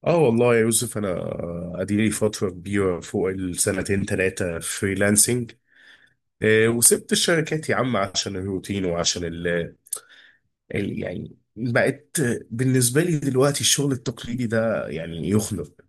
اه والله يا يوسف، انا اديلي فتره كبيره فوق السنتين ثلاثه فريلانسنج. وسبت الشركات يا عم عشان الروتين وعشان يعني بقت بالنسبه لي دلوقتي الشغل التقليدي ده يعني يخنق.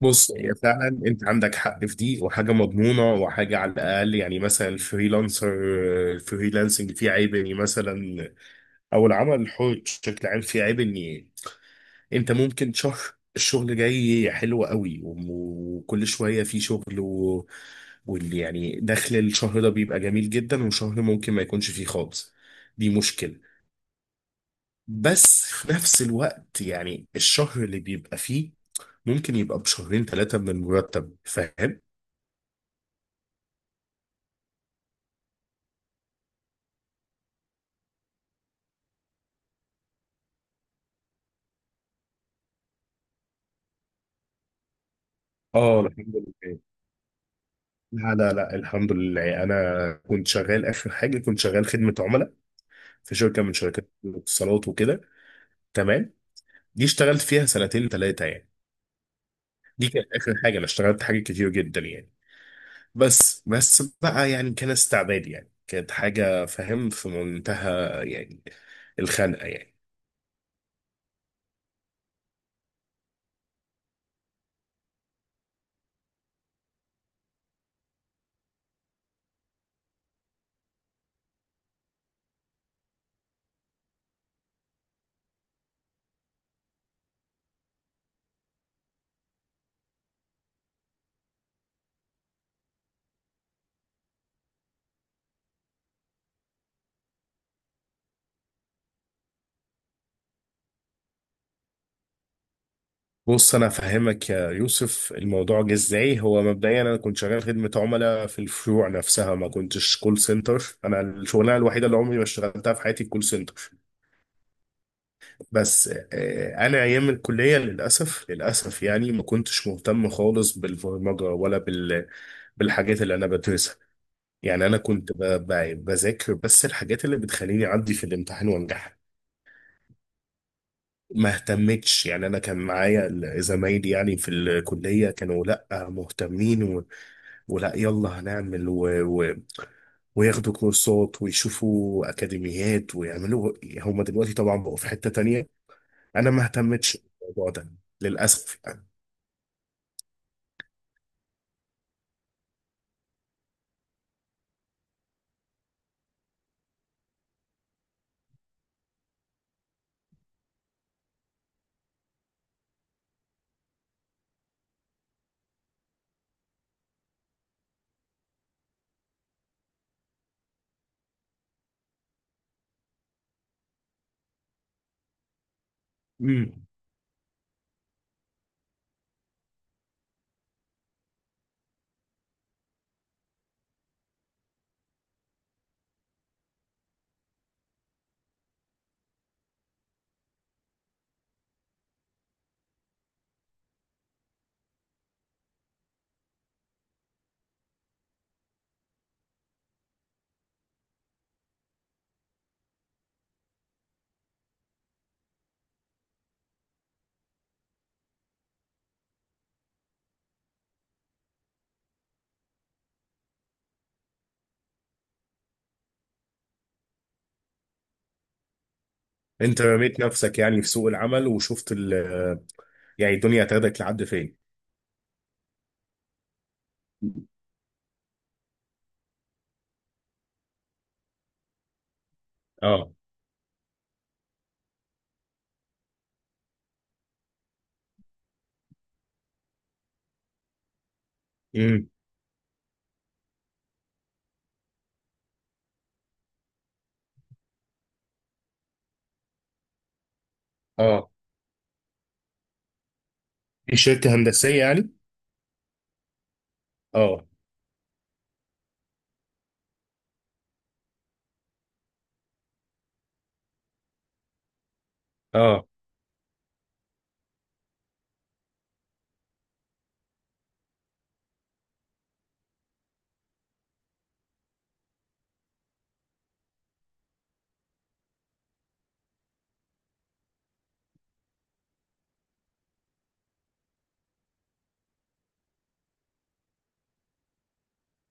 بص، هي فعلا انت عندك حق في دي، وحاجه مضمونه، وحاجه على الاقل. يعني مثلا الفريلانسنج فيه عيب اني مثلا، او العمل الحر بشكل عام فيه عيب اني انت ممكن شهر الشغل جاي حلو قوي وكل شوية في شغل واللي يعني دخل الشهر ده بيبقى جميل جدا، وشهر ممكن ما يكونش فيه خالص. دي مشكلة. بس في نفس الوقت يعني الشهر اللي بيبقى فيه ممكن يبقى بشهرين ثلاثة من المرتب، فاهم؟ اه الحمد لله. لا الحمد لله، انا كنت شغال اخر حاجه، كنت شغال خدمه عملاء في شركه من شركات الاتصالات وكده. تمام. دي اشتغلت فيها سنتين ثلاثه يعني. دي كانت اخر حاجه. انا اشتغلت حاجات كتير جدا يعني، بس بقى يعني كان استعباد، يعني كانت حاجه، فاهم، في منتهى يعني الخنقه يعني. بص انا افهمك يا يوسف الموضوع جه ازاي. هو مبدئيا انا كنت شغال خدمه عملاء في الفروع نفسها، ما كنتش كول سنتر. انا الشغلانه الوحيده اللي عمري ما اشتغلتها في حياتي كول سنتر، بس. انا ايام الكليه للاسف للاسف يعني ما كنتش مهتم خالص بالبرمجه ولا بالحاجات اللي انا بدرسها. يعني انا كنت بذاكر بس الحاجات اللي بتخليني اعدي في الامتحان وانجح. ما اهتمتش يعني. انا كان معايا زمايلي يعني في الكليه كانوا لا مهتمين ولا يلا هنعمل وياخدوا كورسات ويشوفوا اكاديميات ويعملوا. هم دلوقتي طبعا بقوا في حته تانية، انا ما اهتمتش بالموضوع ده للاسف يعني. مم. انت رميت نفسك يعني في سوق العمل، وشفت يعني الدنيا هتاخدك لحد فين. اه. امم. اه. دي شركة هندسية يعني؟ اه. اه.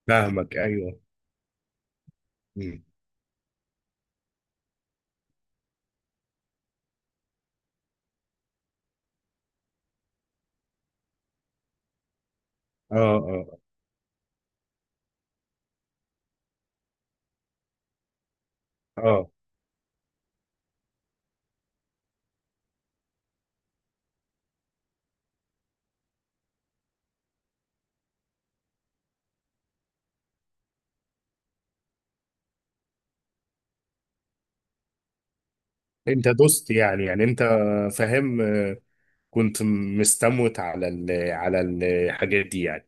فاهمك، ايوه. مم. اه. اه. اه. انت دوست يعني، يعني انت فاهم، كنت مستموت على ال على الحاجات دي يعني؟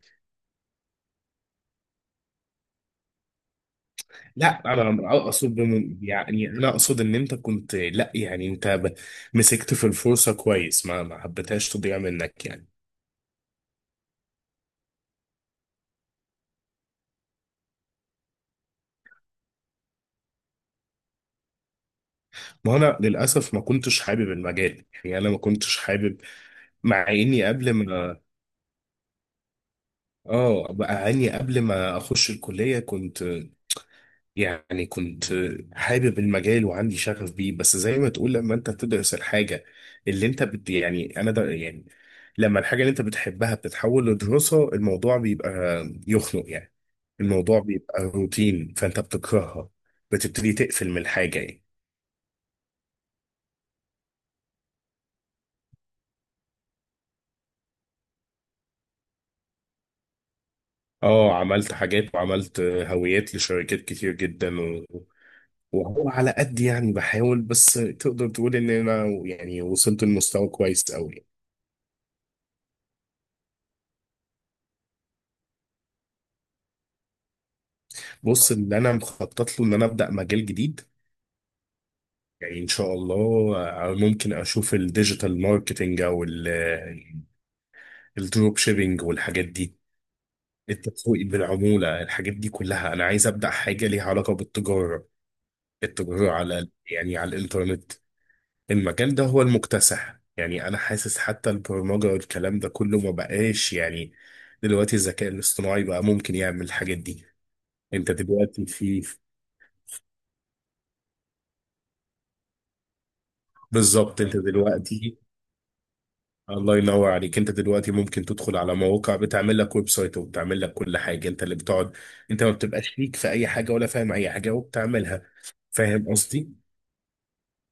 لا، انا اقصد يعني انا اقصد ان انت كنت، لا يعني انت مسكت في الفرصة كويس، ما حبيتهاش تضيع منك يعني. ما انا للاسف ما كنتش حابب المجال يعني، انا ما كنتش حابب، مع اني قبل ما، اه، بقى اني قبل ما اخش الكليه كنت، يعني كنت حابب المجال وعندي شغف بيه. بس زي ما تقول، لما انت بتدرس الحاجة اللي انت بت، يعني انا ده يعني لما الحاجة اللي انت بتحبها بتتحول لدراسة، الموضوع بيبقى يخنق يعني. الموضوع بيبقى روتين، فانت بتكرهها، بتبتدي تقفل من الحاجة يعني. اه، عملت حاجات، وعملت هويات لشركات كتير جدا وهو على قد يعني بحاول، بس تقدر تقول ان انا يعني وصلت لمستوى كويس قوي. بص اللي انا مخطط له ان انا ابدا مجال جديد. يعني ان شاء الله ممكن اشوف الديجيتال ماركتنج، او الدروب شيبينج والحاجات دي، التسويق بالعموله، الحاجات دي كلها. انا عايز ابدا حاجه ليها علاقه بالتجاره، التجاره على يعني على الانترنت. المجال ده هو المكتسح يعني. انا حاسس حتى البرمجه والكلام ده كله ما بقاش يعني، دلوقتي الذكاء الاصطناعي بقى ممكن يعمل الحاجات دي. انت دلوقتي في، بالظبط انت دلوقتي، الله ينور عليك، انت دلوقتي ممكن تدخل على مواقع بتعمل لك ويب سايت وبتعمل لك كل حاجه، انت اللي بتقعد. انت ما بتبقاش ليك في اي حاجه، ولا فاهم اي حاجه، وبتعملها. فاهم قصدي؟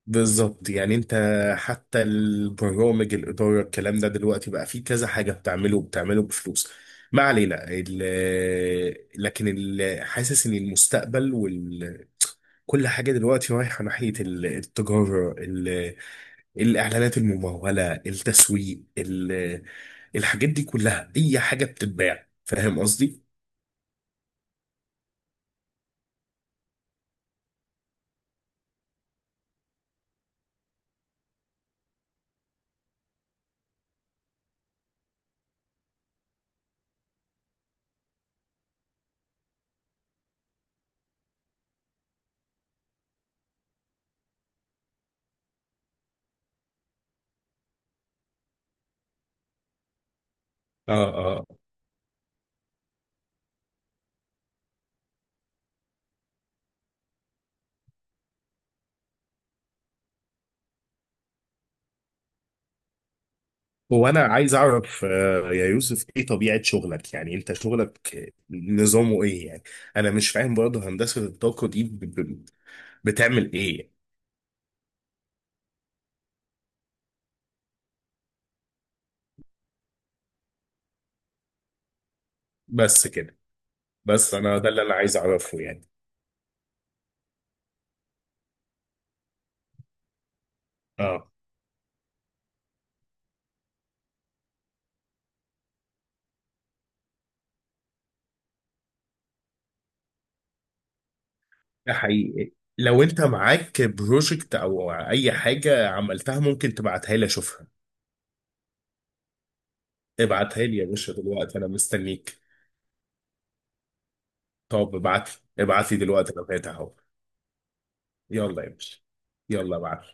بالظبط يعني. انت حتى البرامج، الاداره، الكلام ده دلوقتي بقى فيه كذا حاجه بتعمله، وبتعمله بفلوس. ما علينا. لكن حاسس ان المستقبل وكل حاجه دلوقتي رايحه ناحيه التجاره، الاعلانات الممولة، التسويق الحاجات دي كلها، اي حاجة بتتباع. فاهم قصدي؟ اه. اه. هو انا عايز اعرف، يا يوسف، ايه طبيعة شغلك؟ يعني انت شغلك نظامه ايه يعني؟ انا مش فاهم برضه هندسة الطاقة دي بتعمل ايه يعني؟ بس كده؟ بس انا ده اللي انا عايز اعرفه يعني. اه. ده حقيقي. لو انت معاك بروجكت او اي حاجة عملتها ممكن تبعتها لي اشوفها. ابعتها لي يا باشا، دلوقتي انا مستنيك. طب ابعت، ابعت لي دلوقتي، انا فاتح اهو. يلا يا باشا، يلا ابعت.